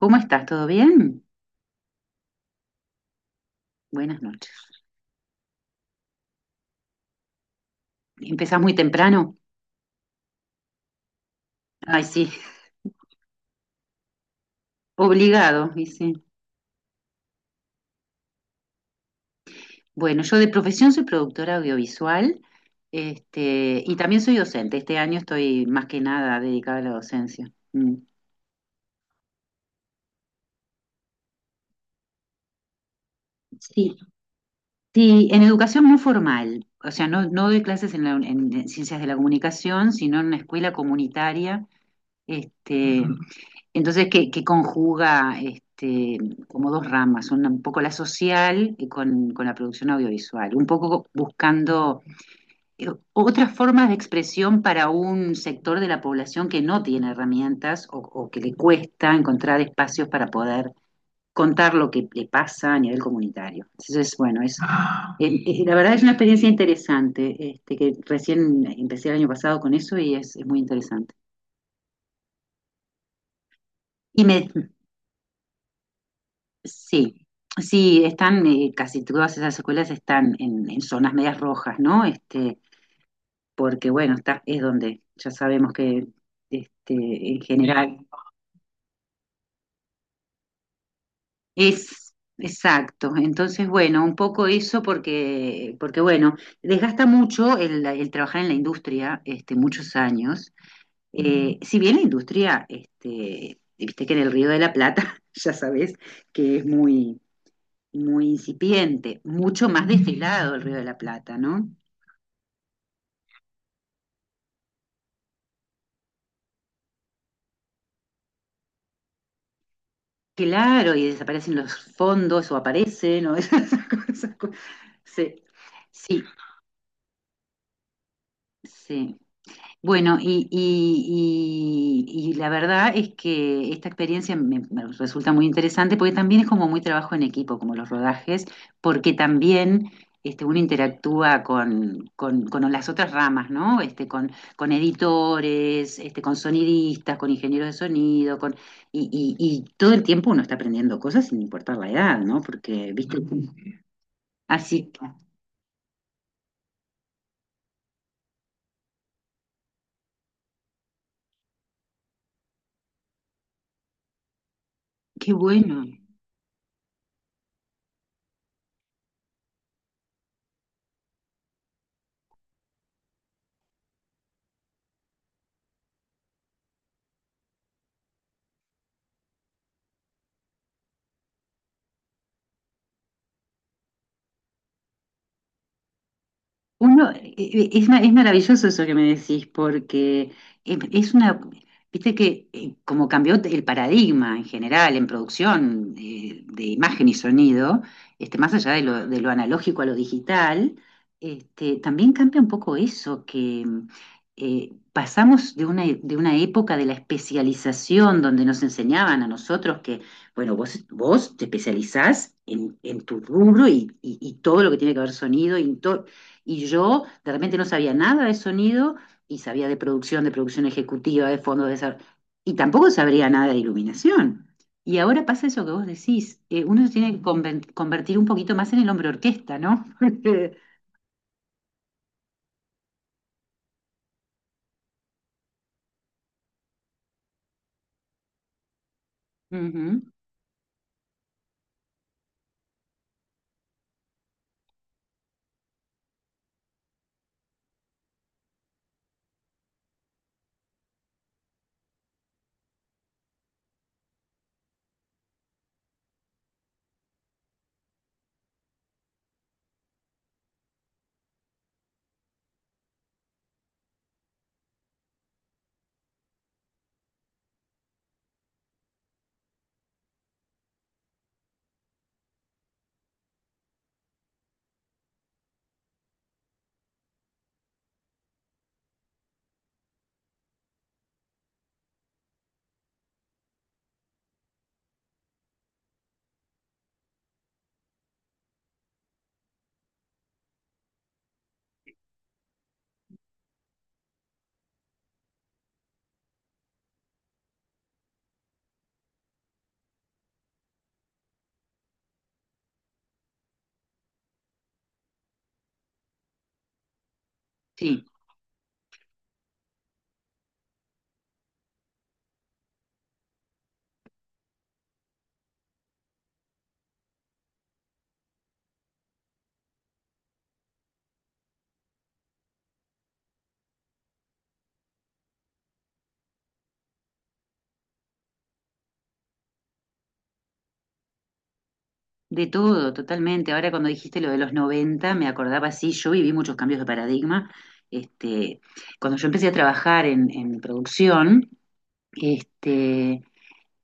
¿Cómo estás? ¿Todo bien? Buenas noches. ¿Empezás muy temprano? Ay, sí, obligado, y sí. Bueno, yo de profesión soy productora audiovisual, y también soy docente. Este año estoy más que nada dedicada a la docencia. Mm. Sí, sí, en educación no formal. O sea, no, no doy clases en, en ciencias de la comunicación, sino en una escuela comunitaria. este, Entonces, que conjuga, como dos ramas, una, un poco la social y con la producción audiovisual, un poco buscando otras formas de expresión para un sector de la población que no tiene herramientas o que le cuesta encontrar espacios para poder contar lo que le pasa a nivel comunitario. Entonces, bueno, la verdad es una experiencia interesante, que recién empecé el año pasado con eso y es muy interesante. Y me Sí, sí, están, casi todas esas escuelas están en zonas medias rojas, ¿no? Porque bueno, es donde ya sabemos que, este, en general, es exacto. Entonces, bueno, un poco eso porque bueno, desgasta mucho el trabajar en la industria, muchos años. Si bien la industria, viste que en el Río de la Plata, ya sabes, que es muy muy incipiente, mucho más destilado el Río de la Plata, ¿no? Claro, y desaparecen los fondos o aparecen, o esas cosas. Sí, sí, sí. Bueno, y la verdad es que esta experiencia me resulta muy interesante porque también es como muy trabajo en equipo, como los rodajes, porque también, uno interactúa con las otras ramas, ¿no? Con editores, con sonidistas, con ingenieros de sonido, y todo el tiempo uno está aprendiendo cosas sin importar la edad, ¿no? Porque, viste, así, qué bueno. Uno, es maravilloso eso que me decís, porque, es una, viste que, como cambió el paradigma en general en producción, de imagen y sonido, más allá de lo analógico a lo digital, también cambia un poco eso, que, pasamos de una época de la especialización donde nos enseñaban a nosotros que, bueno, vos te especializás en tu rubro y, y todo lo que tiene que ver sonido y todo, y yo de repente no sabía nada de sonido y sabía de producción ejecutiva, de fondos de desarrollo, y tampoco sabría nada de iluminación. Y ahora pasa eso que vos decís, uno se tiene que convertir un poquito más en el hombre orquesta, ¿no? Porque, ujú, sí, de todo, totalmente. Ahora cuando dijiste lo de los 90 me acordaba, sí, yo viví muchos cambios de paradigma. Este, cuando yo empecé a trabajar en producción, este,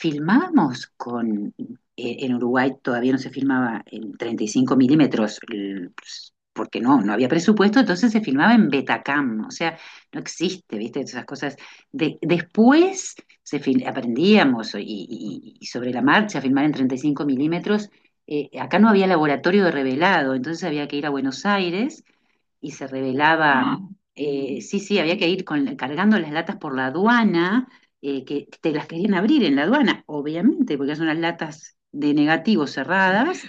filmábamos con, en Uruguay todavía no se filmaba en 35 milímetros. Pues, porque no, no había presupuesto, entonces se filmaba en Betacam, o sea, no existe, ¿viste? Esas cosas. Después aprendíamos, y, y sobre la marcha, a filmar en 35 milímetros. Acá no había laboratorio de revelado, entonces había que ir a Buenos Aires y se revelaba. Sí, sí, había que ir cargando las latas por la aduana, que te las querían abrir en la aduana, obviamente, porque son las latas de negativo cerradas,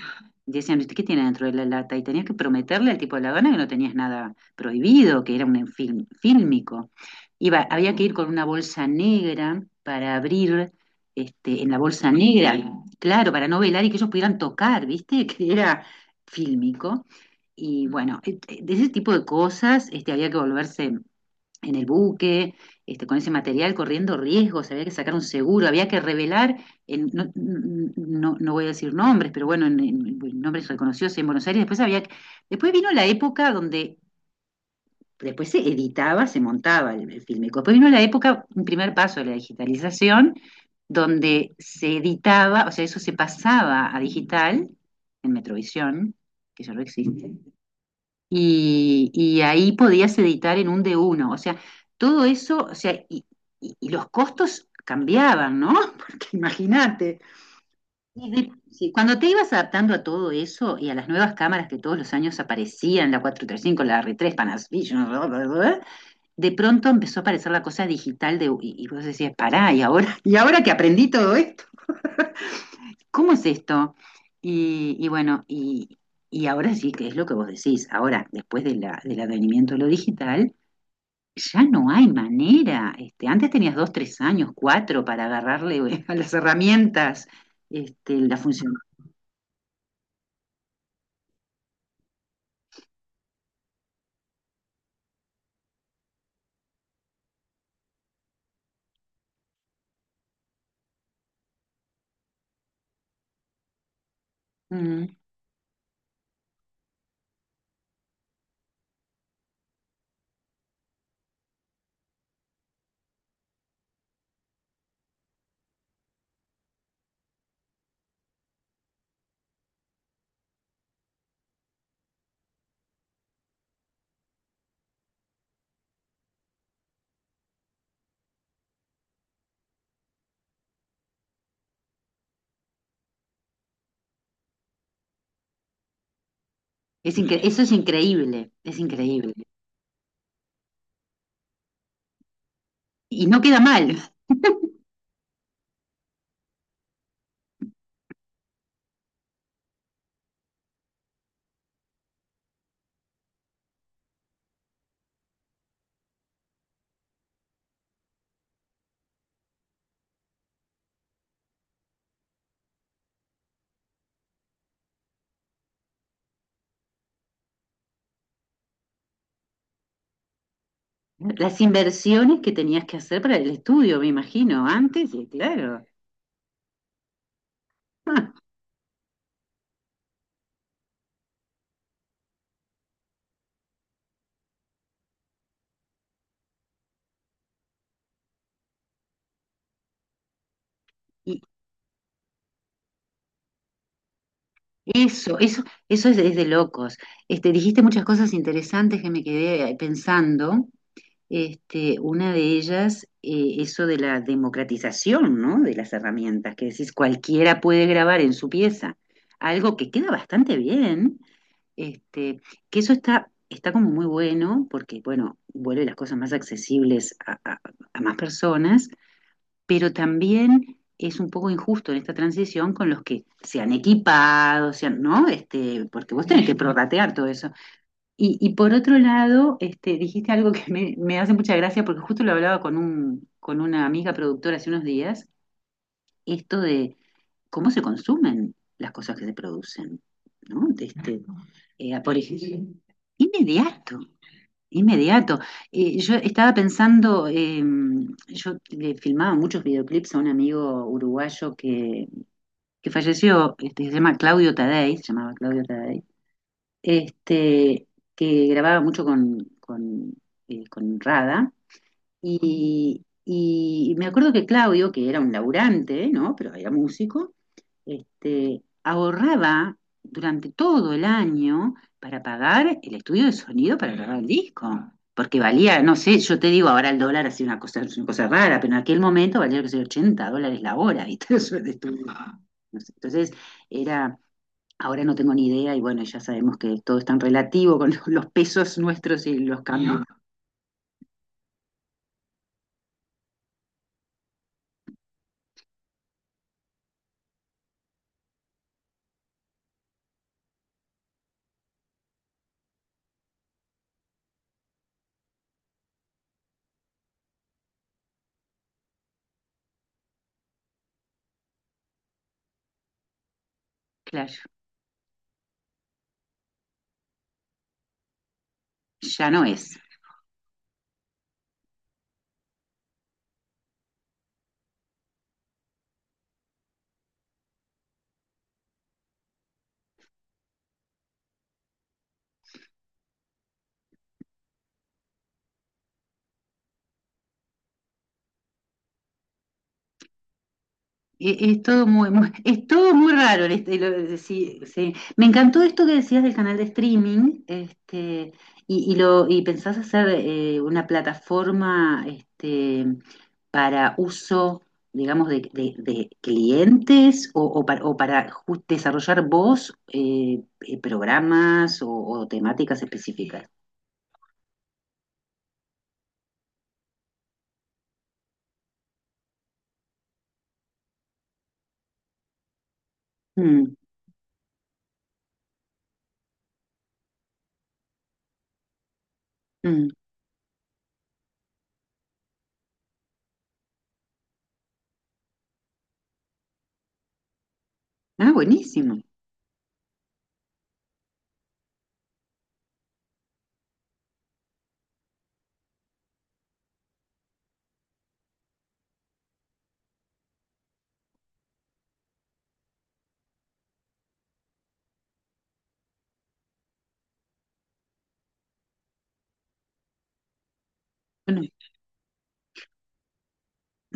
y decían, ¿qué tiene dentro de la lata? Y tenías que prometerle al tipo de la gana que no tenías nada prohibido, que era un film, fílmico. Iba, había que ir con una bolsa negra para abrir, en la bolsa negra, claro, para no velar y que ellos pudieran tocar, ¿viste? Que era fílmico. Y bueno, de ese tipo de cosas, había que volverse en el buque, con ese material, corriendo riesgos, había que sacar un seguro, había que revelar, no, no, no voy a decir nombres, pero bueno, en, nombres reconocidos en Buenos Aires, después había, después vino la época donde, después se editaba, se montaba el filme. Después vino la época, un primer paso de la digitalización, donde se editaba, o sea, eso se pasaba a digital, en Metrovisión, que ya no existe, y ahí podías editar en un de uno. O sea, todo eso, o sea, y, y los costos cambiaban, ¿no? Porque imagínate. Y sí, cuando te ibas adaptando a todo eso y a las nuevas cámaras que todos los años aparecían, la cuatro tres cinco, la r tres Panasonic, bla, bla, bla, de pronto empezó a aparecer la cosa digital, de, y vos decías, pará, ¿y ahora? ¿Y ahora que aprendí todo esto? ¿Cómo es esto? Y bueno, y ahora sí que es lo que vos decís, ahora, después de del advenimiento de lo digital, ya no hay manera. Antes tenías dos, tres años, cuatro para agarrarle, a las herramientas, la función. Mm. Eso es increíble, es increíble. Y no queda mal. Las inversiones que tenías que hacer para el estudio, me imagino, antes, y claro. Eso, eso, eso es de locos. Dijiste muchas cosas interesantes que me quedé, pensando. Una de ellas, eso de la democratización, ¿no? De las herramientas, que decís, cualquiera puede grabar en su pieza. Algo que queda bastante bien. Este, que eso está, está como muy bueno, porque, bueno, vuelve las cosas más accesibles a, a más personas, pero también es un poco injusto en esta transición con los que se han equipado, ¿no? Porque vos tenés que prorratear todo eso. Y por otro lado, dijiste algo que me hace mucha gracia, porque justo lo hablaba con un, con una amiga productora hace unos días, esto de cómo se consumen las cosas que se producen, ¿no? Por ejemplo, inmediato. Inmediato. Yo estaba pensando, yo le filmaba muchos videoclips a un amigo uruguayo que, falleció, se llama Claudio Tadei, se llamaba Claudio Tadei, este, que grababa mucho con, con Rada. Y me acuerdo que Claudio, que era un laburante, ¿no? Pero era músico, ahorraba durante todo el año para pagar el estudio de sonido para grabar el disco. Porque valía, no sé, yo te digo, ahora el dólar ha sido una cosa rara, pero en aquel momento valía, que sé, $80 la hora, ¿viste? Eso de estudio. No sé. Entonces, era, ahora no tengo ni idea, y bueno, ya sabemos que todo es tan relativo con los pesos nuestros y los cambios. Claro, ya no es. Todo muy, es todo muy raro. Sí, sí. Me encantó esto que decías del canal de streaming, y lo, y pensás hacer, una plataforma, para uso, digamos, de, de clientes, o para desarrollar vos, programas o temáticas específicas. Mm, mm. Ah, buenísimo. Bueno,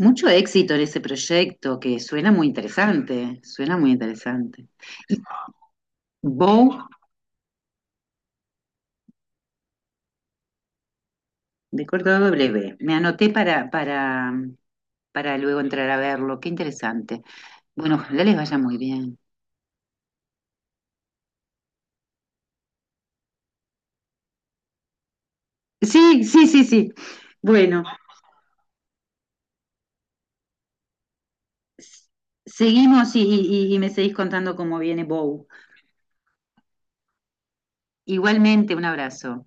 mucho éxito en ese proyecto que suena muy interesante, suena muy interesante. Bow de corta W. Me anoté para luego entrar a verlo. Qué interesante. Bueno, ojalá les vaya muy bien. Sí, sí, sí, sí. Bueno, s- seguimos, y, y me seguís contando cómo viene Bow. Igualmente, un abrazo.